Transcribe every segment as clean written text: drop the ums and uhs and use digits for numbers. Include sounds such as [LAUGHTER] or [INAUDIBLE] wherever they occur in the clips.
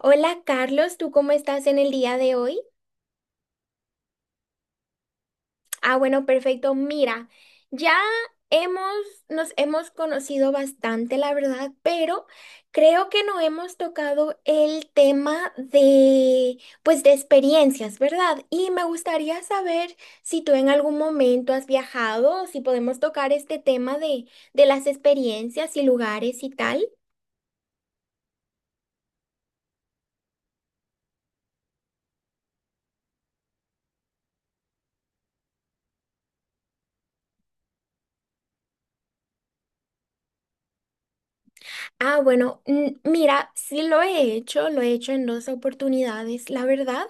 Hola Carlos, ¿tú cómo estás en el día de hoy? Ah, bueno, perfecto. Mira, ya hemos, nos hemos conocido bastante, la verdad, pero creo que no hemos tocado el tema de, pues, de experiencias, ¿verdad? Y me gustaría saber si tú en algún momento has viajado, si podemos tocar este tema de, las experiencias y lugares y tal. Ah, bueno, mira, sí lo he hecho en dos oportunidades, la verdad,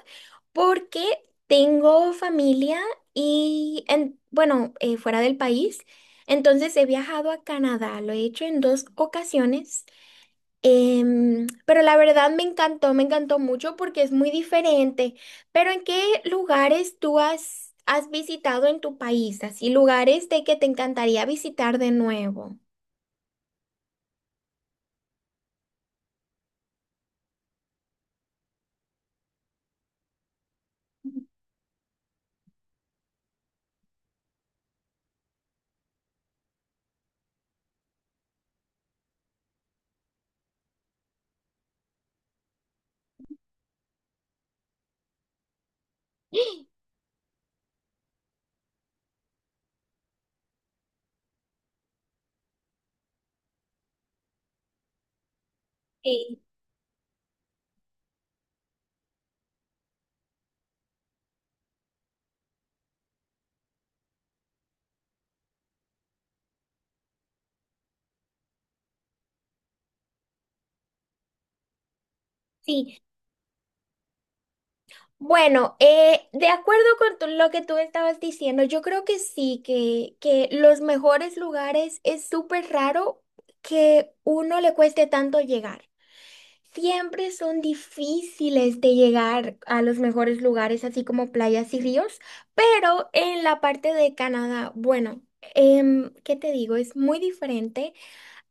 porque tengo familia y, en, bueno, fuera del país, entonces he viajado a Canadá, lo he hecho en dos ocasiones. Pero la verdad me encantó mucho porque es muy diferente. Pero ¿en qué lugares tú has, has visitado en tu país? Así, lugares de que te encantaría visitar de nuevo. Sí, sí. Bueno, de acuerdo con lo que tú estabas diciendo, yo creo que sí, que los mejores lugares es súper raro que uno le cueste tanto llegar. Siempre son difíciles de llegar a los mejores lugares, así como playas y ríos, pero en la parte de Canadá, bueno, ¿qué te digo? Es muy diferente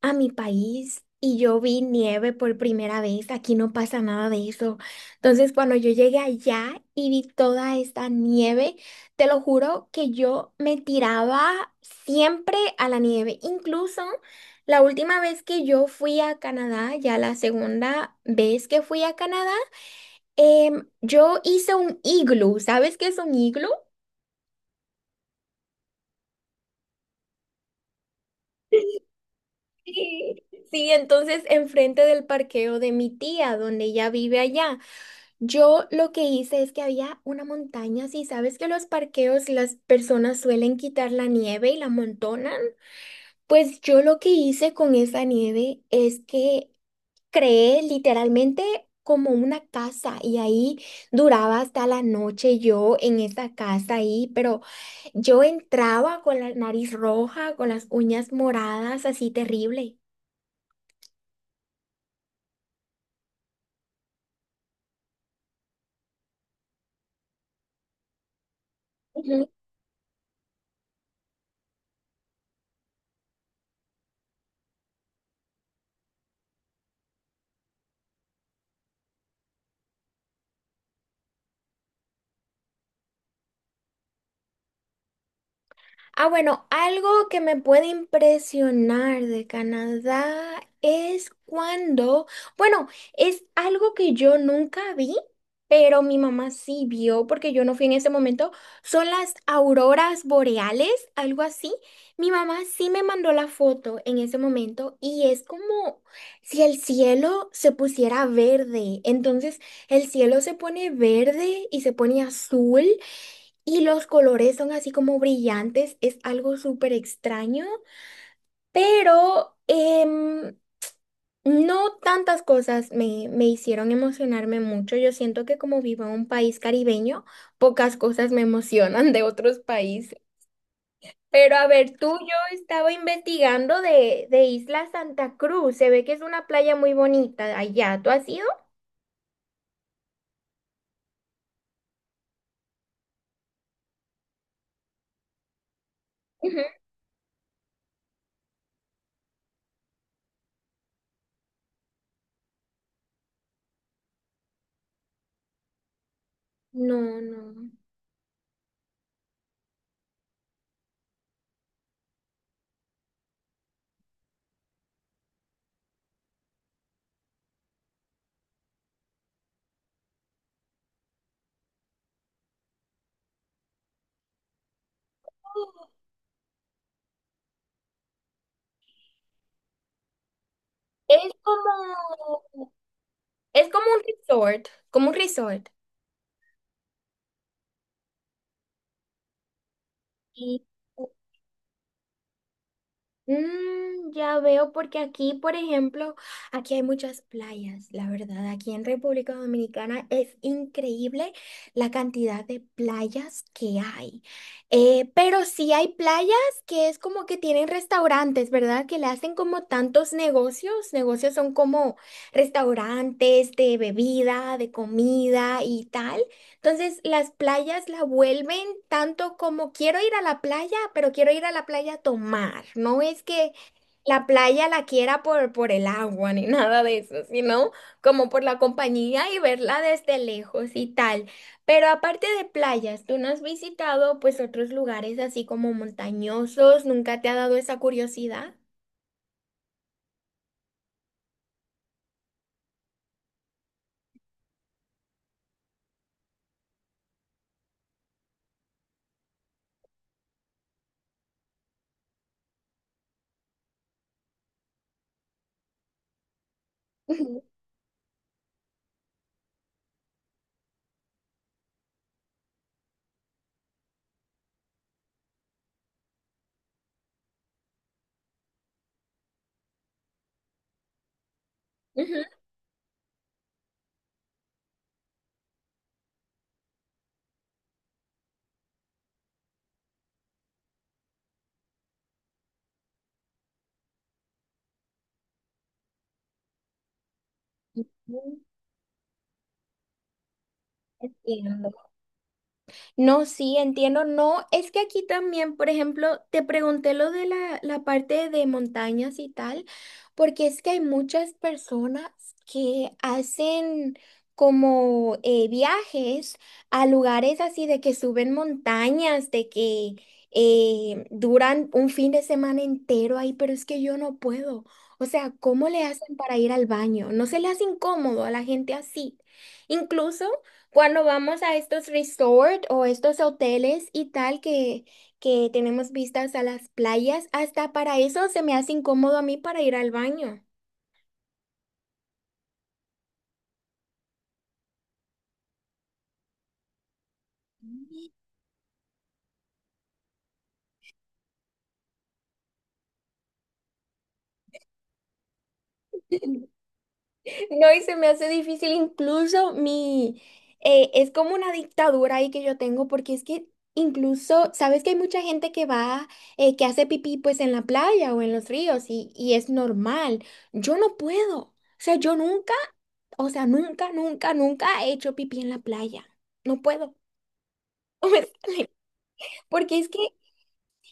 a mi país y yo vi nieve por primera vez. Aquí no pasa nada de eso. Entonces, cuando yo llegué allá y vi toda esta nieve, te lo juro que yo me tiraba siempre a la nieve. Incluso la última vez que yo fui a Canadá, ya la segunda vez que fui a Canadá, yo hice un iglú. ¿Sabes qué es un iglú? Sí. Sí, entonces enfrente del parqueo de mi tía, donde ella vive allá. Yo lo que hice es que había una montaña, si sabes que los parqueos las personas suelen quitar la nieve y la amontonan, pues yo lo que hice con esa nieve es que creé literalmente como una casa y ahí duraba hasta la noche yo en esa casa ahí, pero yo entraba con la nariz roja, con las uñas moradas, así terrible. Ah, bueno, algo que me puede impresionar de Canadá es cuando, bueno, es algo que yo nunca vi, pero mi mamá sí vio porque yo no fui en ese momento, son las auroras boreales, algo así. Mi mamá sí me mandó la foto en ese momento y es como si el cielo se pusiera verde. Entonces, el cielo se pone verde y se pone azul. Y los colores son así como brillantes, es algo súper extraño, pero no tantas cosas me, me hicieron emocionarme mucho. Yo siento que como vivo en un país caribeño, pocas cosas me emocionan de otros países. Pero a ver, tú, yo estaba investigando de Isla Santa Cruz, se ve que es una playa muy bonita allá. ¿Tú has ido? Ujú. No, no. Es como, es como un resort, como un resort. Sí. Mm, ya veo, porque aquí, por ejemplo, aquí hay muchas playas, la verdad. Aquí en República Dominicana es increíble la cantidad de playas que hay. Pero sí hay playas que es como que tienen restaurantes, ¿verdad? Que le hacen como tantos negocios. Negocios son como restaurantes de bebida, de comida y tal. Entonces, las playas la vuelven tanto como quiero ir a la playa, pero quiero ir a la playa a tomar. No es que la playa la quiera por el agua [LAUGHS] ni nada de eso, sino como por la compañía y verla desde lejos y tal. Pero aparte de playas, ¿tú no has visitado pues otros lugares así como montañosos? ¿Nunca te ha dado esa curiosidad? [LAUGHS] Ujú. Entiendo. No, sí, entiendo. No, es que aquí también, por ejemplo, te pregunté lo de la parte de montañas y tal, porque es que hay muchas personas que hacen como viajes a lugares así de que suben montañas, de que duran un fin de semana entero ahí, pero es que yo no puedo. O sea, ¿cómo le hacen para ir al baño? ¿No se le hace incómodo a la gente así? Incluso… Cuando vamos a estos resorts o estos hoteles y tal que tenemos vistas a las playas, hasta para eso se me hace incómodo a mí para ir al baño. [LAUGHS] No, y se me hace difícil incluso mi… es como una dictadura ahí que yo tengo porque es que incluso, sabes que hay mucha gente que va, que hace pipí pues en la playa o en los ríos y es normal. Yo no puedo. O sea, yo nunca, o sea, nunca, nunca, nunca he hecho pipí en la playa. No puedo. [LAUGHS] No me sale. Porque es que,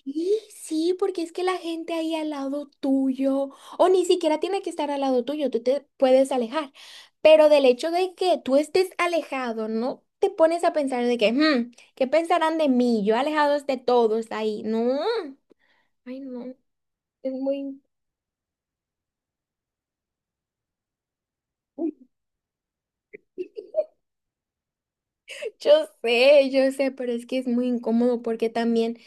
sí, sí, porque es que la gente ahí al lado tuyo, o ni siquiera tiene que estar al lado tuyo, tú te puedes alejar. Pero del hecho de que tú estés alejado, no te pones a pensar de que, "Hmm, ¿qué pensarán de mí? Yo alejado de todos ahí. No, ay, no, es muy…" Yo yo sé, pero es que es muy incómodo porque también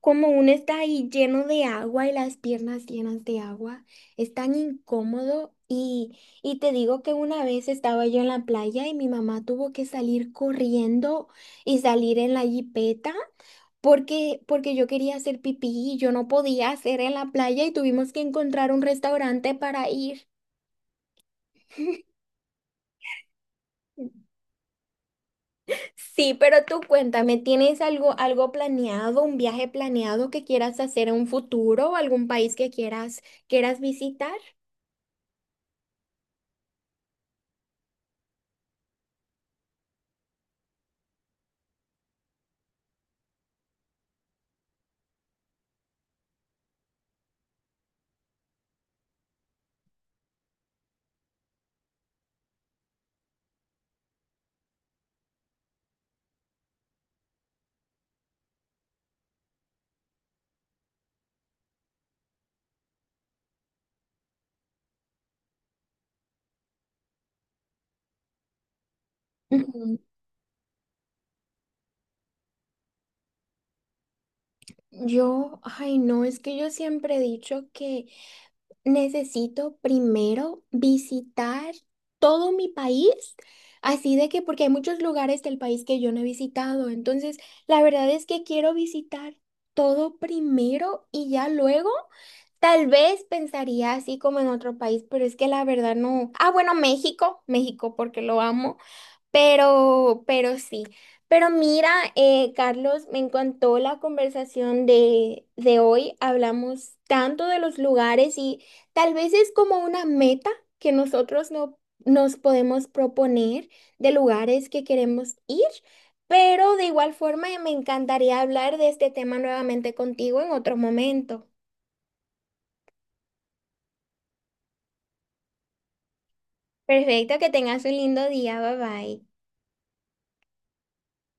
como uno está ahí lleno de agua y las piernas llenas de agua, es tan incómodo y te digo que una vez estaba yo en la playa y mi mamá tuvo que salir corriendo y salir en la jipeta porque, porque yo quería hacer pipí y yo no podía hacer en la playa y tuvimos que encontrar un restaurante para ir. [LAUGHS] Sí, pero tú cuéntame, ¿tienes algo, algo planeado, un viaje planeado que quieras hacer en un futuro o algún país que quieras, quieras visitar? Ujú. Yo, ay no, es que yo siempre he dicho que necesito primero visitar todo mi país, así de que porque hay muchos lugares del país que yo no he visitado, entonces la verdad es que quiero visitar todo primero y ya luego tal vez pensaría así como en otro país, pero es que la verdad no. Ah, bueno, México, México porque lo amo. Pero sí. Pero mira, Carlos, me encantó la conversación de hoy. Hablamos tanto de los lugares y tal vez es como una meta que nosotros no, nos podemos proponer de lugares que queremos ir. Pero de igual forma, me encantaría hablar de este tema nuevamente contigo en otro momento. Perfecto, que tengas un lindo día. Bye bye.